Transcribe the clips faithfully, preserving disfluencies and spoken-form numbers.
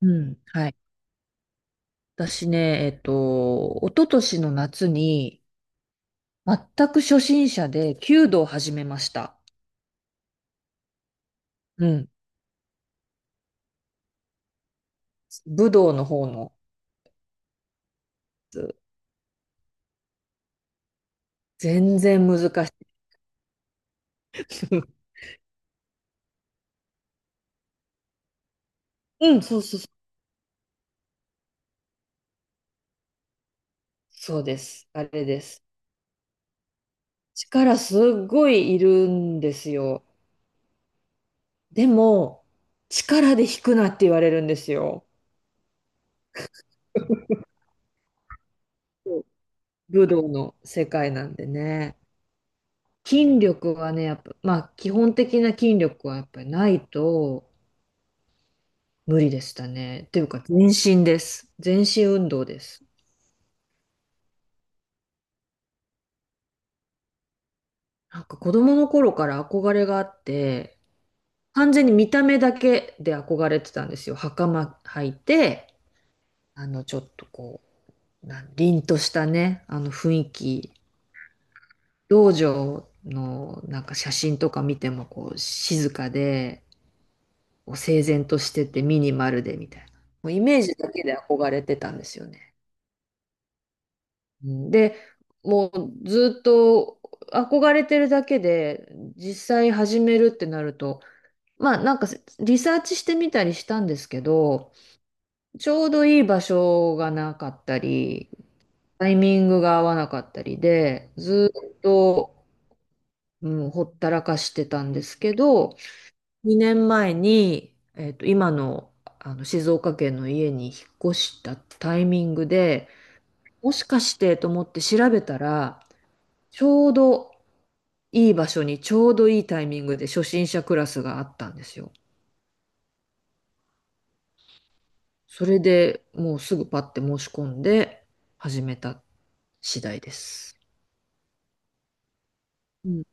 うん、はい。私ね、えっと、一昨年の夏に、全く初心者で弓道を始めました。うん。武道の方のやつ、全然難しい。うん、そうそうそう。そうです。あれです。力すっごいいるんですよ。でも、力で引くなって言われるんですよ。そう、武道の世界なんでね。筋力はね、やっぱ、まあ基本的な筋力はやっぱりないと、無理でしたね。っていうか、全身です。全身運動です。なんか子供の頃から憧れがあって、完全に見た目だけで憧れてたんですよ。袴履いて、あの、ちょっとこう、なん、凛としたね、あの雰囲気。道場のなんか写真とか見てもこう、静かで、こう整然としててミニマルでみたいな。もうイメージだけで憧れてたんですよね。うんで、もうずっと憧れてるだけで、実際始めるってなると、まあなんかリサーチしてみたりしたんですけど、ちょうどいい場所がなかったり、タイミングが合わなかったりで、ずっと、うん、ほったらかしてたんですけど、にねんまえに、えっと、今の、あの静岡県の家に引っ越したタイミングで、もしかしてと思って調べたら、ちょうどいい場所にちょうどいいタイミングで初心者クラスがあったんですよ。それでもうすぐパッて申し込んで始めた次第です。うん、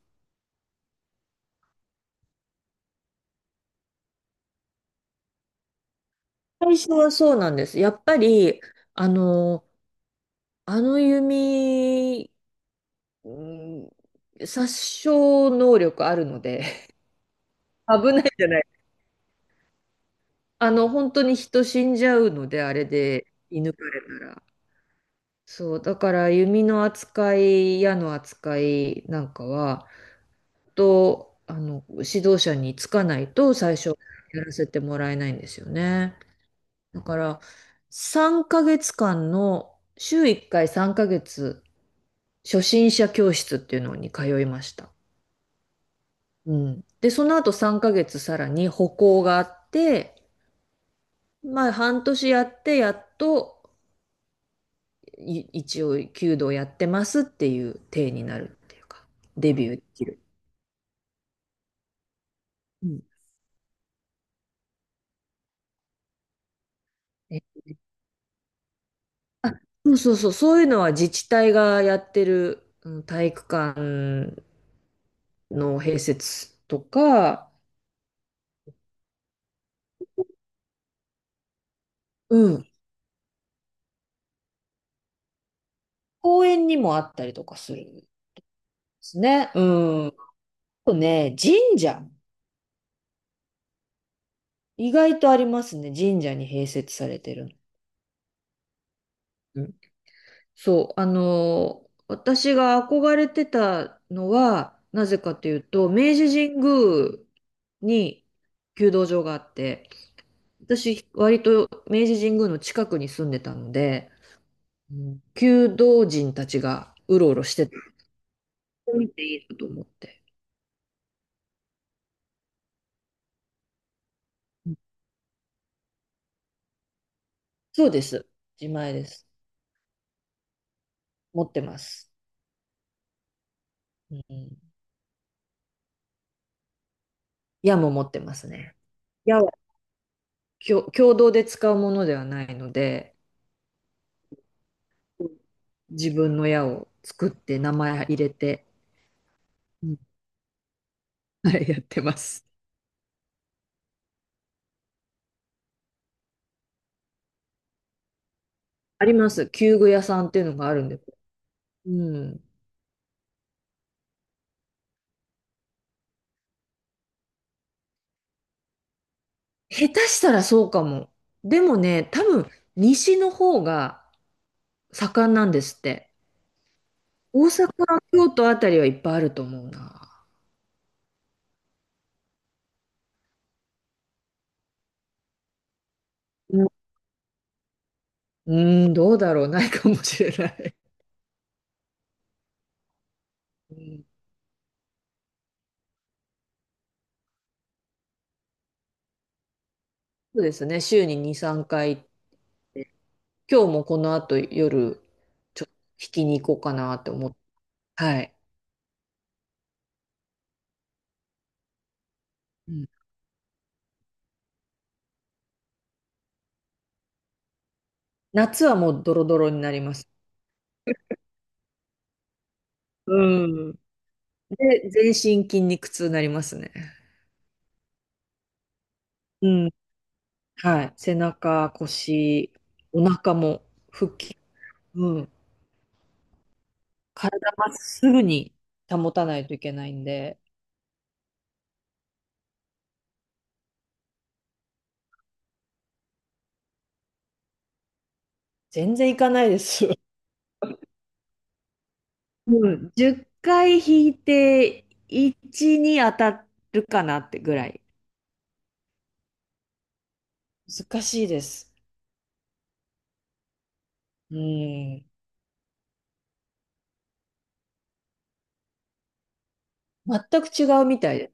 最初はそうなんです。やっぱり、あの、あの弓、うん、殺傷能力あるので、危ないじゃない。あの、本当に人死んじゃうので、あれで射抜かれたら。そう、だから弓の扱い、矢の扱いなんかは、と、あの、指導者につかないと最初やらせてもらえないんですよね。だから、さんかげつかんの、週いっかいさんかげつ、初心者教室っていうのに通いました。うん。で、その後さんかげつさらに歩行があって、まあ、半年やって、やっと、い一応、弓道やってますっていう体になるっていうか、デビューできる。うんあそうそうそう、そういうのは自治体がやってる、うん、体育館の併設とか、うん、公園にもあったりとかするんですね。うん。あとね、神社。意外とありますね。神社に併設されてるの。うんそう、あのー私が憧れてたのは、なぜかというと、明治神宮に弓道場があって、私、割と明治神宮の近くに住んでたので、うん、弓道人たちがうろうろしてて、見ていいなと思って。うん、そうです。自前です。持ってます。うん。矢も持ってますね。矢は共共同で使うものではないので、うん、自分の矢を作って名前入れて、うん、はい、やってます。あります。弓具屋さんっていうのがあるんです。うん。下手したらそうかも。でもね、多分西の方が盛んなんですって。大阪、京都あたりはいっぱいあると思うな。うん、うん、どうだろう、ないかもしれない。うん、そうですね、週にに、さんかい、今日もこの後夜、ちょっと引きに行こうかなと思って、はい。うん、夏はもうドロドロになります。うん。で、全身筋肉痛になりますね。うん。はい。背中、腰、お腹も、腹筋、うん。体まっすぐに保たないといけないんで、全然いかないです。うん、じゅっかい引いていちに当たるかなってぐらい。難しいです。うん。全く違うみたいです。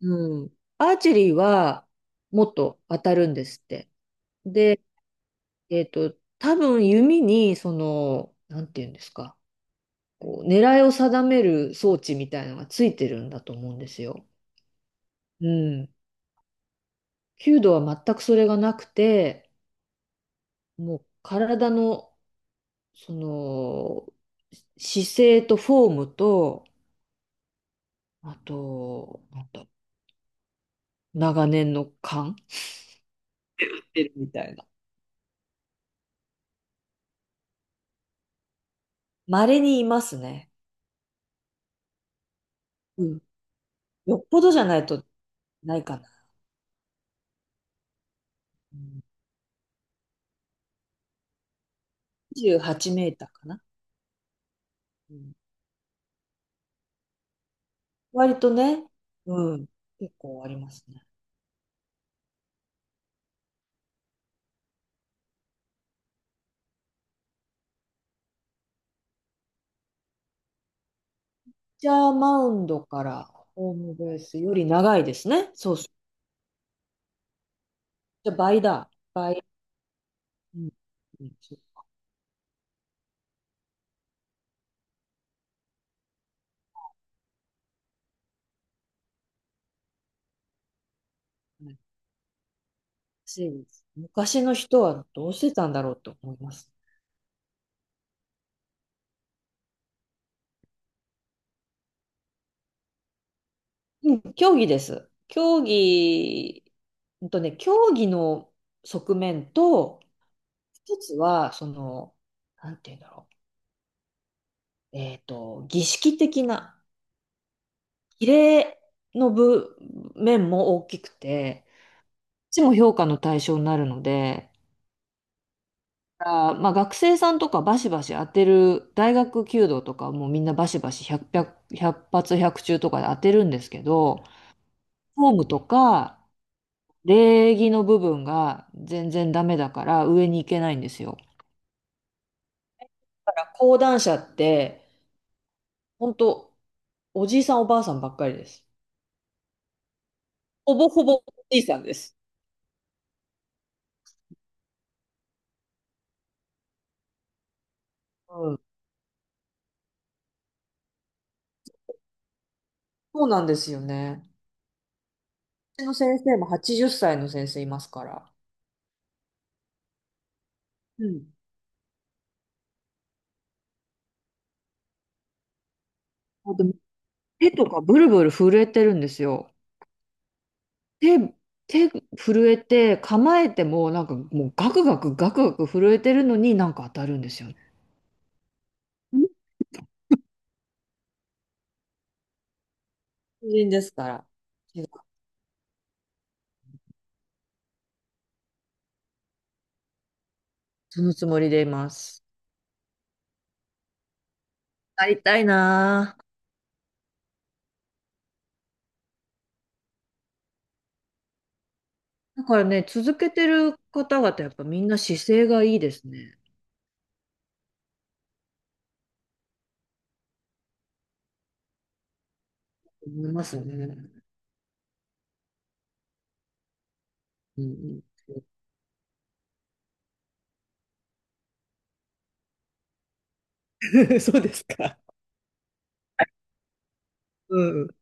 うん。アーチェリーはもっと当たるんですって。で、えっと、多分弓に、その、なんていうんですか、こう狙いを定める装置みたいなのがついてるんだと思うんですよ。うん。弓道は全くそれがなくて、もう体のその、姿勢とフォームと、あと、なんだ、長年の勘してるみたいな。稀にいますね。うん。よっぽどじゃないとないかな。うん、にじゅうはちメーターかな。うん。割とね、うん。結構ありますね。ピッチャーマウンドからホームベースより長いですね。そうそう。じゃあ倍だ。倍。うん。うんそうはいそうです、昔の人はどうしてたんだろうと思います。うん、競技です。競技、うんとね、競技の側面と、一つは、その、なんて言うんだろう。えっと、儀式的な、儀礼の部面も大きくて、こっちも評価の対象になるので、あー、まあ、学生さんとかバシバシ当てる、大学弓道とかはもうみんなバシバシひゃく、ひゃっ発ひゃく中とかで当てるんですけど、フォームとか、礼儀の部分が全然ダメだから上に行けないんですよ。だから講談社って、本当おじいさんおばあさんばっかりです。ほぼほぼおじいさんです。うん。そうなんですよね。うちの先生もはちじゅっさいの先生いますから。うん。あと手とかブルブル震えてるんですよ。手、手震えて構えてもなんかもうガクガクガクガク震えてるのになんか当たるんですよね。うん。人ですから。そのつもりでいます。なりたいなあ。だからね、続けてる方々、やっぱみんな姿勢がいいですね。思いますよね。うんうん。そうですか。うん。